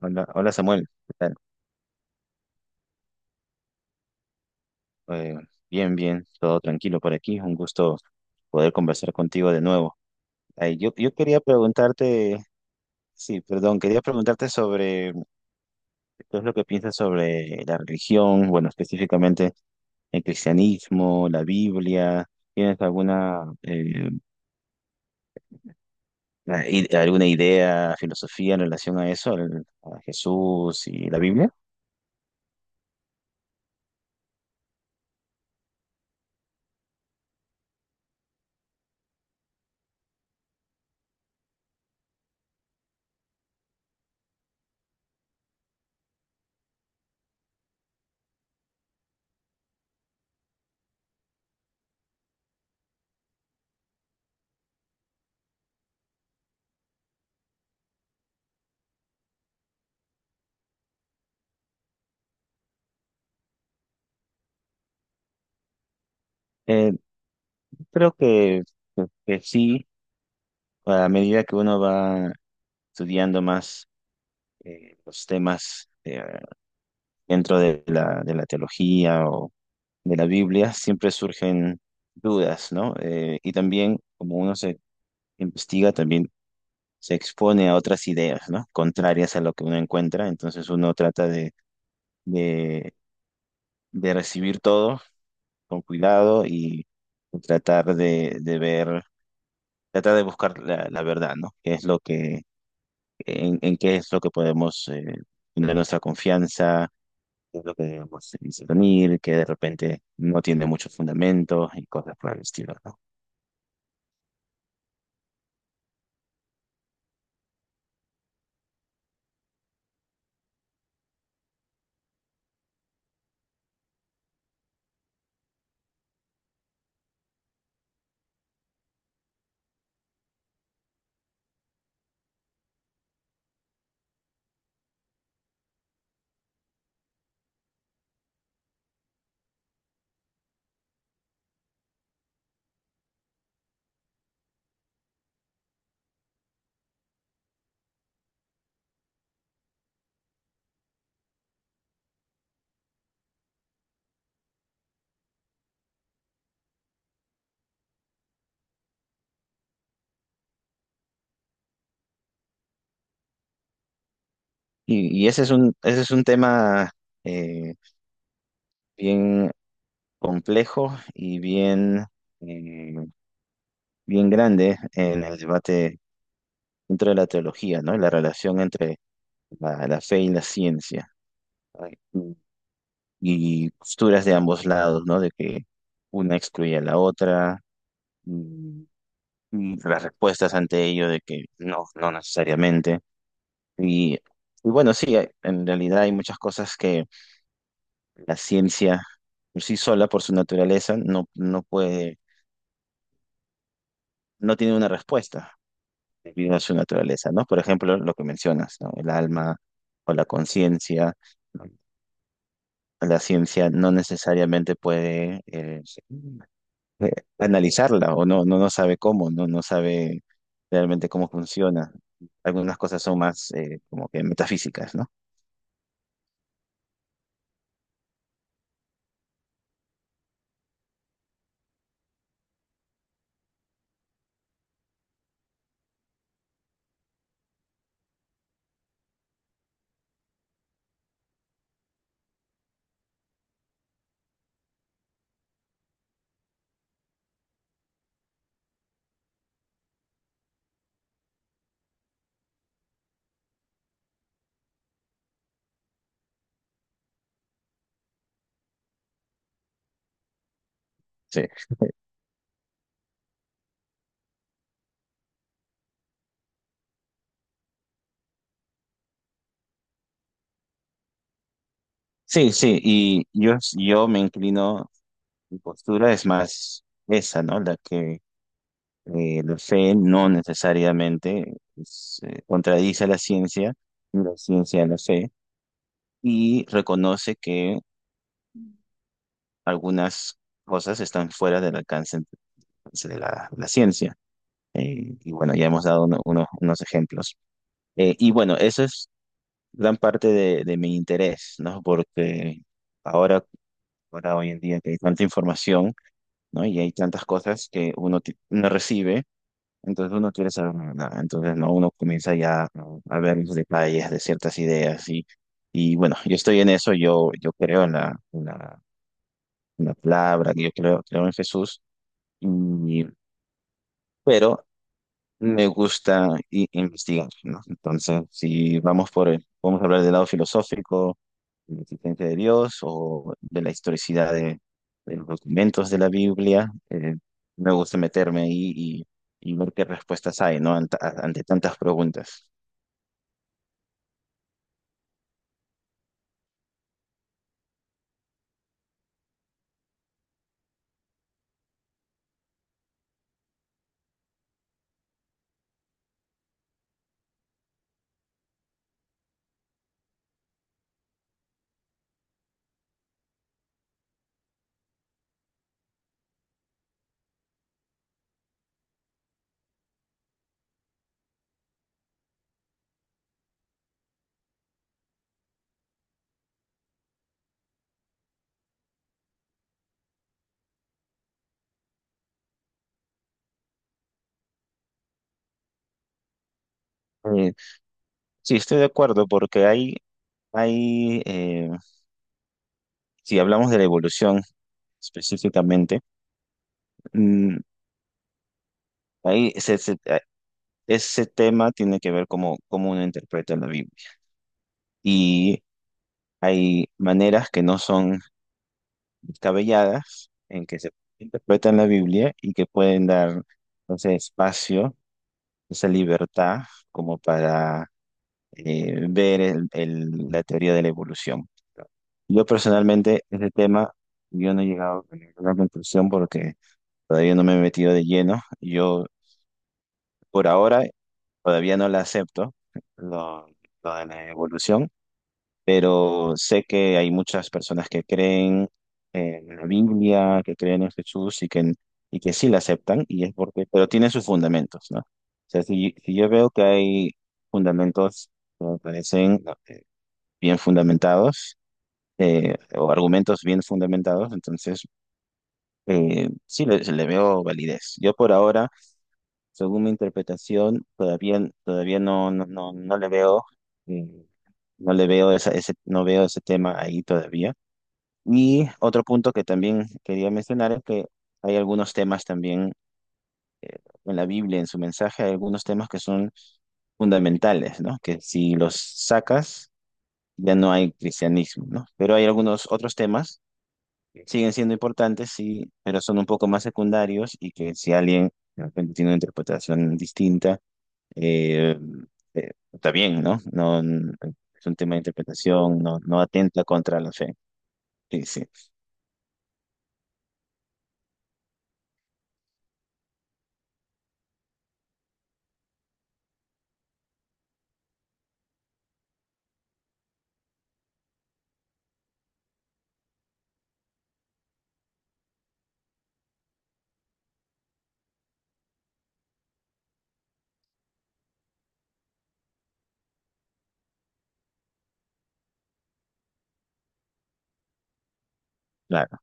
Hola, hola Samuel, ¿qué tal? Eh, Bien, bien, todo tranquilo por aquí. Un gusto poder conversar contigo de nuevo. Ay, yo quería preguntarte, sí, perdón, quería preguntarte sobre qué es lo que piensas sobre la religión, bueno, específicamente el cristianismo, la Biblia. ¿Tienes alguna, alguna idea, filosofía en relación a eso, a Jesús y la Biblia? Eh, Creo que sí, a medida que uno va estudiando más los temas dentro de de la teología o de la Biblia, siempre surgen dudas, ¿no? Y también, como uno se investiga, también se expone a otras ideas, ¿no? Contrarias a lo que uno encuentra, entonces uno trata de, de recibir todo con cuidado y tratar de ver, tratar de buscar la verdad, ¿no? ¿Qué es lo que, en qué es lo que podemos tener nuestra confianza, es lo que digamos, se dice que de repente no tiene muchos fundamentos y cosas por el estilo, ¿no? Y ese es un tema eh, bien complejo y bien, eh, bien grande en el debate dentro de la teología, ¿no? La relación entre la fe y la ciencia, ¿no? Y y posturas de ambos lados, ¿no? De que una excluye a la otra. Y y las respuestas ante ello de que no, no necesariamente. Y bueno, sí, en realidad hay muchas cosas que la ciencia por sí sola, por su naturaleza, no, no puede, no tiene una respuesta debido a su naturaleza, ¿no? Por ejemplo, lo que mencionas, ¿no? El alma o la conciencia. La ciencia no necesariamente puede eh, analizarla o no, no sabe cómo, no sabe realmente cómo funciona. Algunas cosas son más como que metafísicas, ¿no? Sí, sí, sí, y yo me inclino. Mi postura es más esa, ¿no? La que la fe no necesariamente es, contradice a la ciencia, ni la ciencia a la fe, y reconoce que algunas cosas están fuera del alcance de la ciencia. Y bueno, ya hemos dado unos ejemplos. Y bueno, eso es gran parte de mi interés, ¿no? Porque ahora, ahora hoy en día que hay tanta información, ¿no? Y hay tantas cosas que uno, uno recibe. Entonces uno quiere saber la verdad. Entonces no, uno comienza ya, ¿no?, a ver los detalles de ciertas ideas y bueno, yo estoy en eso, yo creo en en la palabra, yo creo, creo en Jesús, y, pero me gusta investigar, ¿no? Entonces, si vamos por el, vamos a hablar del lado filosófico, de la existencia de Dios o de la historicidad de los documentos de la Biblia, me gusta meterme ahí y ver qué respuestas hay, ¿no? Ante, ante tantas preguntas. Eh, sí, estoy de acuerdo porque hay si hablamos de la evolución específicamente, mm, ahí ese tema tiene que ver cómo, cómo uno interpreta la Biblia. Y hay maneras que no son descabelladas en que se interpreta la Biblia y que pueden dar ese espacio, esa libertad como para ver la teoría de la evolución. Yo personalmente, ese tema, yo no he llegado a ninguna conclusión porque todavía no me he metido de lleno. Yo, por ahora, todavía no la acepto, lo, lo de la evolución, pero sé que hay muchas personas que creen en la Biblia, que creen en Jesús y que sí la aceptan, y es porque, pero tiene sus fundamentos, ¿no? O sea, si yo veo que hay fundamentos que me parecen bien fundamentados o argumentos bien fundamentados, entonces sí le veo validez. Yo por ahora, según mi interpretación, todavía, todavía no le veo, eh, no le veo esa, ese, no veo ese tema ahí todavía. Y otro punto que también quería mencionar es que hay algunos temas también en la Biblia, en su mensaje, hay algunos temas que son fundamentales, ¿no? Que si los sacas, ya no hay cristianismo, ¿no? Pero hay algunos otros temas siguen siendo importantes, sí, pero son un poco más secundarios y que si alguien de repente tiene una interpretación distinta, eh, está bien, ¿no? Es un tema de interpretación, no, no atenta contra la fe. Sí, sí, claro,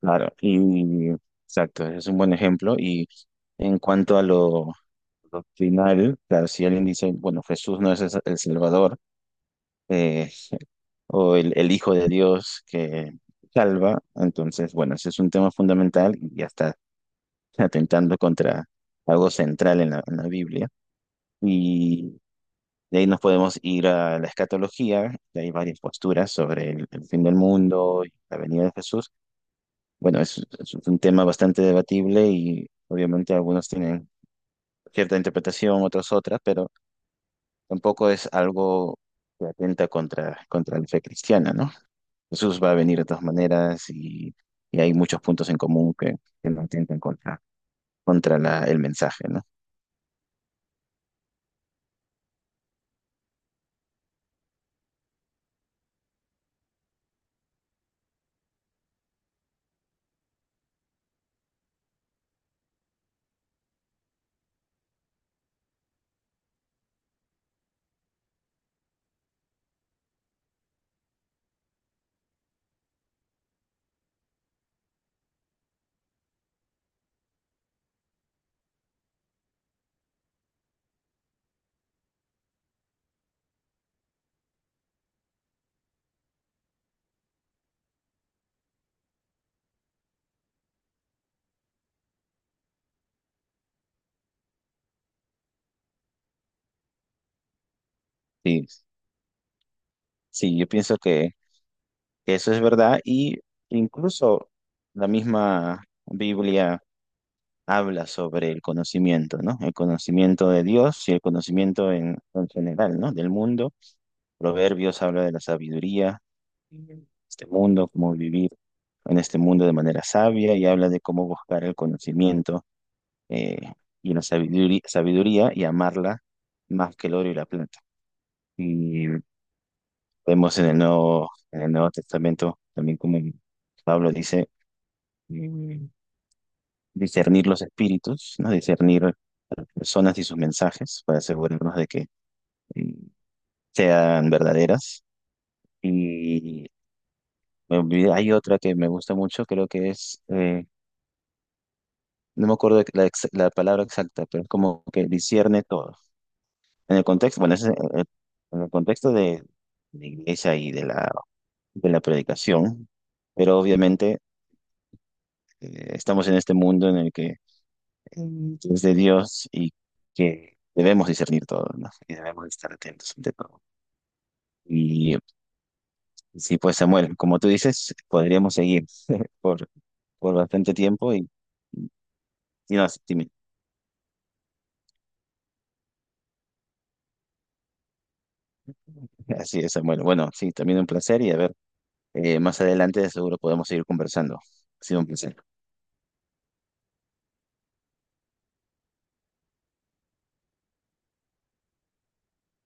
claro. Y exacto, es un buen ejemplo. Y en cuanto a lo doctrinal, claro, si alguien dice, bueno, Jesús no es el Salvador, eh, o el Hijo de Dios que salva, entonces, bueno, ese es un tema fundamental y hasta atentando contra algo central en en la Biblia. Y de ahí nos podemos ir a la escatología, que hay varias posturas sobre el fin del mundo y la venida de Jesús. Bueno, es un tema bastante debatible y obviamente algunos tienen cierta interpretación, otros otras, pero tampoco es algo que atenta contra, contra la fe cristiana, ¿no? Jesús va a venir de todas maneras y hay muchos puntos en común que no atentan contra, el mensaje, ¿no? Sí, sí, yo pienso que eso es verdad y incluso la misma Biblia habla sobre el conocimiento, ¿no? El conocimiento de Dios y el conocimiento en general, ¿no? Del mundo. Proverbios habla de la sabiduría, este mundo, cómo vivir en este mundo de manera sabia y habla de cómo buscar el conocimiento eh, y la sabiduría, sabiduría y amarla más que el oro y la plata. Vemos en el Nuevo Testamento también como Pablo dice, mm, discernir los espíritus, ¿no? Discernir a las personas y sus mensajes para asegurarnos de que mm, sean verdaderas. Y hay otra que me gusta mucho, creo que es, no me acuerdo la palabra exacta, pero es como que discierne todo. En el contexto, bueno, en el contexto de la iglesia y de de la predicación, pero obviamente estamos en este mundo en el que es de Dios y que debemos discernir todo, ¿no? Y debemos estar atentos ante todo. Y sí, pues Samuel, como tú dices, podríamos seguir por, por bastante tiempo y no, sí, dime. Así es, Samuel. Bueno, sí, también un placer y a ver, más adelante seguro podemos seguir conversando. Ha sido un placer.